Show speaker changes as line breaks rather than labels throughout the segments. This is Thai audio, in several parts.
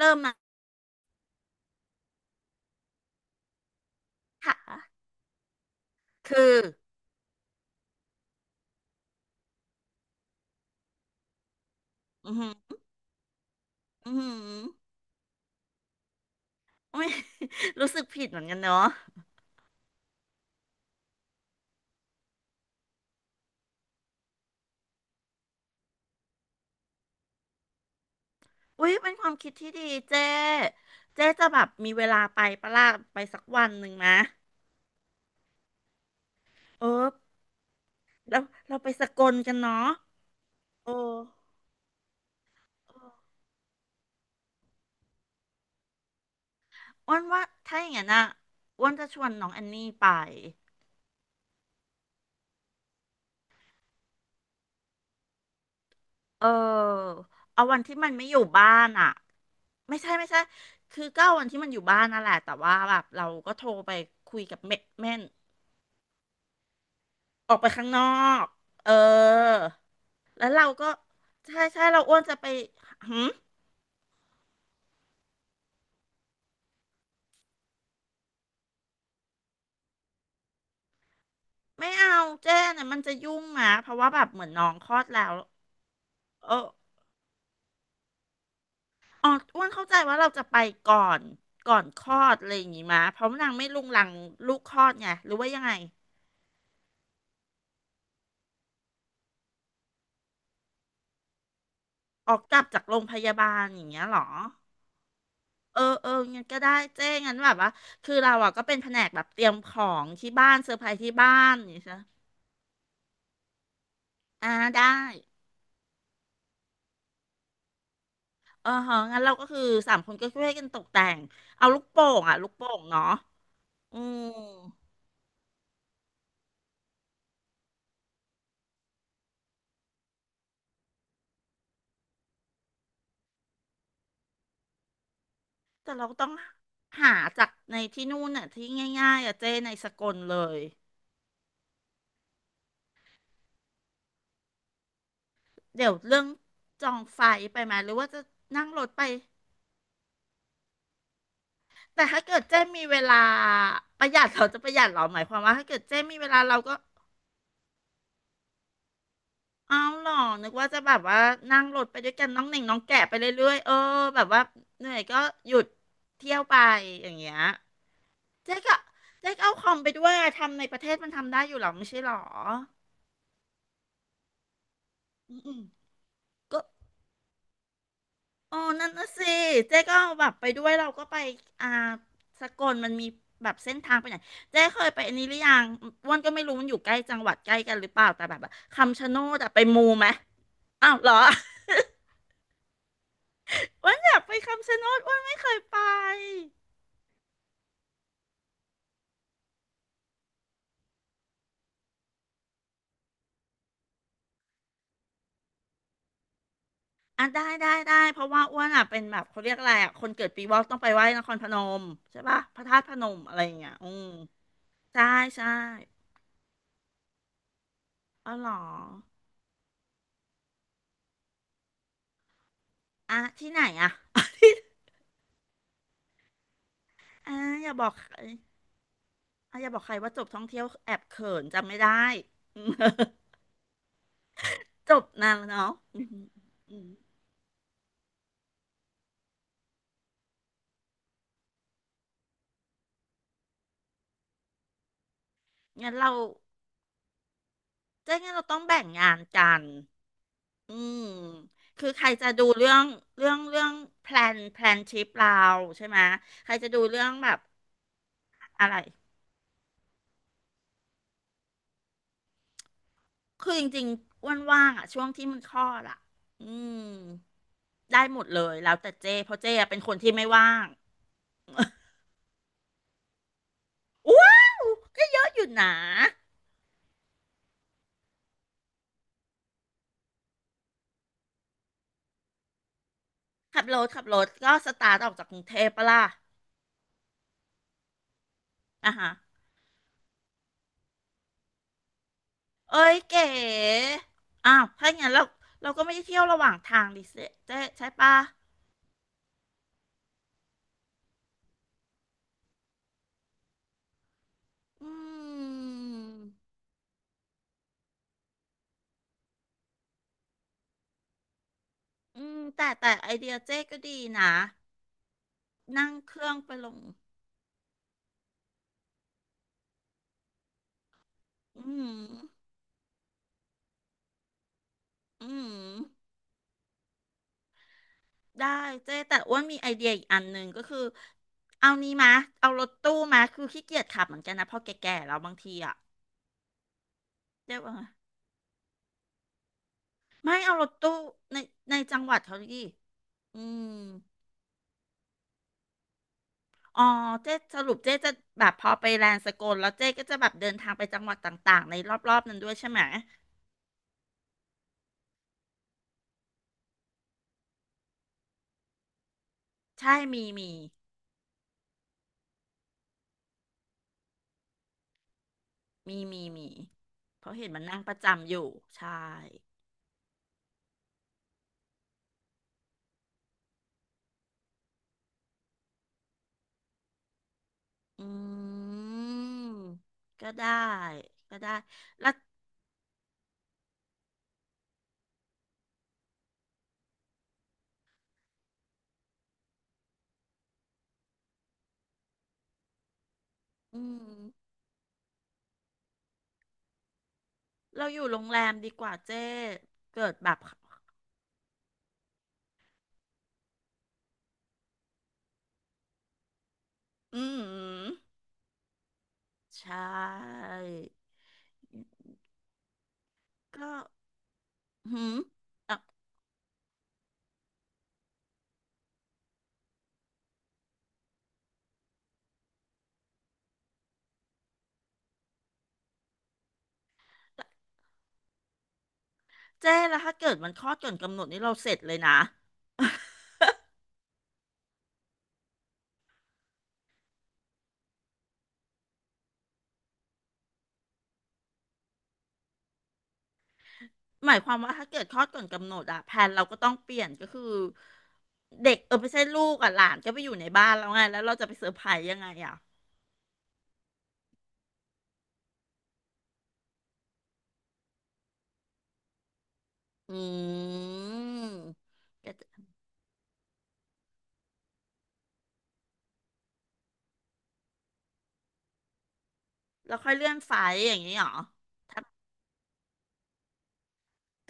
เริ่มนะค่ะคืออือหืออือหือุ๊ย รู้สึกผิดเหมือนกันเนาะอุ้ยเป็นความคิดที่ดีเจ๊เจ๊จะแบบมีเวลาไปปะล่ะไปสักวันหนึ่งนะเออแล้วเราไปสกลกันเนาะโอ้เอออ้วนว่าถ้าอย่างนั้นอะอ้วนจะชวนน้องแอนนี่ไปเออเอาวันที่มันไม่อยู่บ้านอะไม่ใช่ไม่ใช่คือก็เอาวันที่มันอยู่บ้านนั่นแหละแต่ว่าแบบเราก็โทรไปคุยกับแม่แม่ ออกไปข้างนอกเออแล้วเราก็ใช่ใช่เราอ้วนจะไปหืมไม่เอาเจ้เนี่ยมันจะยุ่งหมาเพราะว่าแบบเหมือนน้องคลอดแล้วเอออ๋ออ้วนเข้าใจว่าเราจะไปก่อนก่อนคลอดอะไรอย่างงี้มาเพราะนางไม่รุงรังลูกคลอดไงหรือว่ายังไงออกกลับจากโรงพยาบาลอย่างเงี้ยเหรอเออเอองั้นก็ได้เจ้งั้นแบบว่าคือเราอ่ะก็เป็นแผนกแบบเตรียมของที่บ้านเซอร์ไพรส์ที่บ้านอย่างเงี้ยใช่ไหมอ่าได้ เออฮะงั้นเราก็คือสามคนก็ช่วยกันตกแต่งเอาลูกโป่งอ่ะลูกโป่งเนาะอืมแต่เราต้องหาจากในที่นู่นน่ะที่ง่ายๆอ่ะเจ้ในสกลเลยเดี๋ยวเรื่องจองไฟไปไหมหรือว่าจะนั่งรถไปแต่ถ้าเกิดเจ้มีเวลาประหยัดเราจะประหยัดเหรอหมายความว่าถ้าเกิดเจ้มีเวลาเราก็เอาหรอนึกว่าจะแบบว่านั่งรถไปด้วยกันน้องเหน่งน้องแกะไปเรื่อยๆเออแบบว่าเหนื่อยก็หยุดเที่ยวไปอย่างเงี้ย เจ๊ก็เจ๊ก็เอาคอมไปด้วยอะทำในประเทศมันทำได้อยู่หรอไม่ใช่หรออืมๆก็อ๋อนั่นน่ะสิเจ๊ก็เอาแบบไปด้วยเราก็ไปอ่าสกลมันมีแบบเส้นทางไปไหนเจ๊เคยไปอันนี้หรือยังอ้วนก็ไม่รู้มันอยู่ใกล้จังหวัดใกล้กันหรือเปล่าแต่แบบว่าคำชะโนดอะไปมูไหมอ้าวเหรอ อ้วนอยากไปคำชะโนดอ้วนไม่เคยไปอ่ะได้ได้ได้เพราะว่าอ้วนอะเป็นแบบเขาเรียกอะไรอะคนเกิดปีวอกต้องไปไหว้นครพนมใช่ปะพระธาตุพนมอะไรอย่างเงี้ยอืม ใช่ใช่อาเหรออ่ะที่ไหนอ่ะ อ่าอย่าบอกใครอ่ะอย่าบอกใครว่าจบท่องเที่ยวแอบเขินจำไม่ได้ อืม จบนานแล้วเนาะอืมอืมงั้นเราเจ๊งั้นเราต้องแบ่งงานกันอืมคือใครจะดูเรื่องเรื่องแพลนทริปเราใช่ไหม ใครจะดูเรื่องแบบอะไรคือจริงๆอ้วนว่างๆอะช่วงที่มันคลอดอ่ะอืมได้หมดเลยแล้วแต่เจ้เพราะเจอะเป็นคนที่ไม่ว่าง ว้าว ก็เยอะอยู่นะขับรถก็สตาร์ทออกจากกรุงเทพปะล่ะอ่ะฮะเอ้ยเก๋อ้าวถ้าอย่างนั้นเราเราก็ไม่ได้เที่ยวระหว่างทางดิเซเจ๊ใช่ปะอืมอืม แต่แต่ไอเดียเจ๊ก็ดีนะนั่งเครื่องไปลง อืม อืม ได้ เจ๊แต่อ้วนมีไอเดียอีกอันหนึ่งก็คือ เอานี้มา เอารถตู้มา คือขี้เกียจขับเหมือนกันนะพอแก่ๆแล้วบางทีอ่ะเจ๊ว่า ไม่เอารถตู้ในในจังหวัดเขาดิอืมอ๋อเจ๊สรุปเจ๊จะแบบพอไปแลนด์สกลแล้วเจ๊ก็จะแบบเดินทางไปจังหวัดต่างๆในรอบๆนั้นด้วยใช่ไหม ใช่มีมีมีมีมี เพราะเห็นมันนั่งประจำอยู่ ใช่ อืม ก็ได้ก็ได้ แล้ว อืม เราอยู่โรงแรมดีกว่าเจ๊เกิดแบบอืมใช่ก็หืม เจ๊แล้วถ้าเกิดมันคลอดก่อนกำหนดนี่เราเสร็จเลยนะ หมายความว่าถ้าเกิดคลอดก่อนกำหนดอะแผนเราก็ต้องเปลี่ยนก็คือเด็กเออไม่ใช่ลูกอะหลานก็ไปอยู่ในบ้านแล้วไงแล้วเราจะไปเซอร์ไพรส์ยังไงอะอืมก็จะแล้วค่อยเลื่อนไฟล์อย่างนี้เหรอถ้า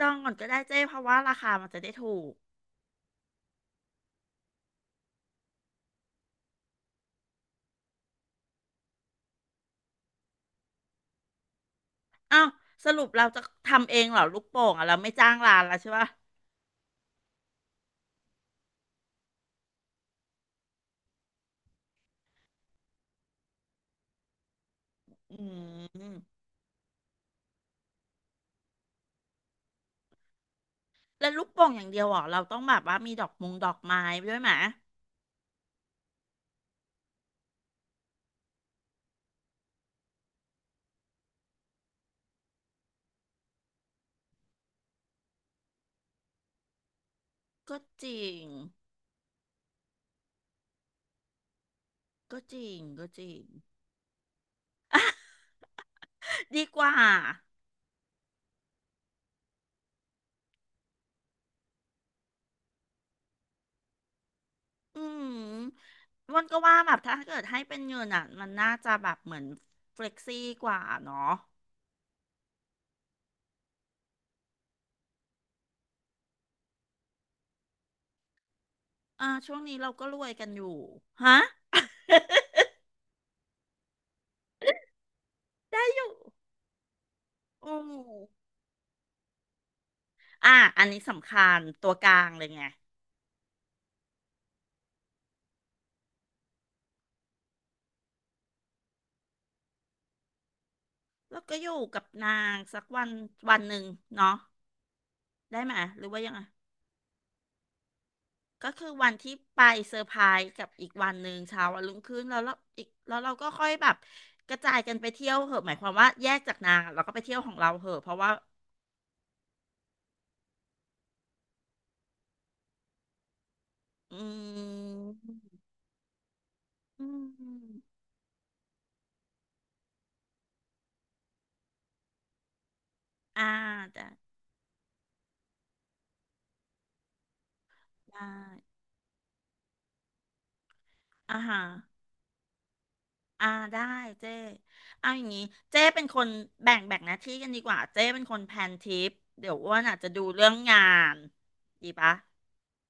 จองก่อนก็ได้เจ๊เพราะว่าราคามันจะได้ถูกอ้าวสรุปเราจะทำเองเหรอลูกโป่งอะเราไม่จ้างร้านแล้วใช่ปะอืมแล้วลูกโป่งอย่างเดียวเหรอเราต้องแบบว่ามีดอกมงดอกไม้ด้วยไหม ก็จริง ก็จริง ก็จริง ดีกว่า อืมมันก็ว่าแบบถ้าเกิดให้เป็นเงินอ่ะมันน่าจะแบบเหมือนเฟล็กซี่กว่าเนาะอ่าช่วงนี้เราก็รวยกันอยู่ฮะได้อยู่อืมอ่ะอันนี้สำคัญตัวกลางเลยไง แล้วก็อยู่กับนางสักวันวันหนึ่งเนาะได้ไหม หรือว่ายังไง ก็คือวันที่ไปเซอร์ไพรส์กับอีกวันหนึ่งเช้าวันรุ่งขึ้นแล้วเราอีกแล้วเราก็ค่อยแบบกระจายกันไปเที่ยวเหอะหมายความว่าแยกจากนางอะเราก็ไปเที่ยวของเราเหอะเพราะว่าอืมอืมอ่าได้ได้อ่าฮะอ่าได้เจ้เอาอย่างงี้เจ้เป็นคนแบ่งหน้าที่กันดีกว่าเจ้เป็นคนแพลนทริปเดี๋ยวอ้วนอาจจะดูเรื่องงานดีปะ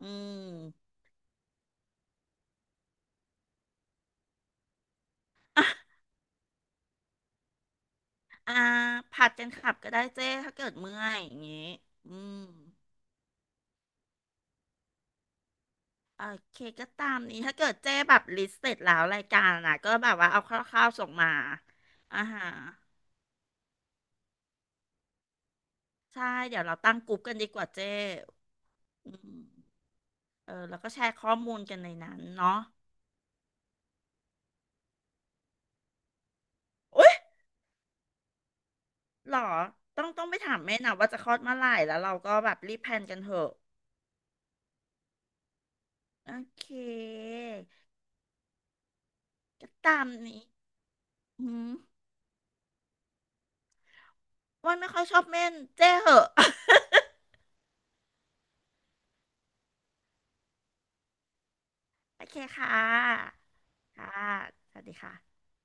อืม อ่าผัดกันขับก็ได้เจ้ถ้าเกิดเมื่อยอย่างงี้อืมโอเคก็ตามนี้ถ้าเกิดเจ้แบบลิสต์เสร็จแล้วรายการนะก็แบบว่าเอาคร่าวๆส่งมาอ่าฮะใช่เดี๋ยวเราตั้งกลุ่มกันดีกว่าเจ้อืมเออแล้วก็แชร์ข้อมูลกันในนั้นเนาะอุ๊ยหรอต้องต้องไปถามแม่นะว่าจะคลอดเมื่อไหร่แล้วเราก็แบบรีบแพลนกันเถอะโอเคก็ตามนี้อืมอ้วันไม่ค่อยชอบเม่นเจ้เหอะ โอเคค่ะ ค่ะสวัสดีค่ะ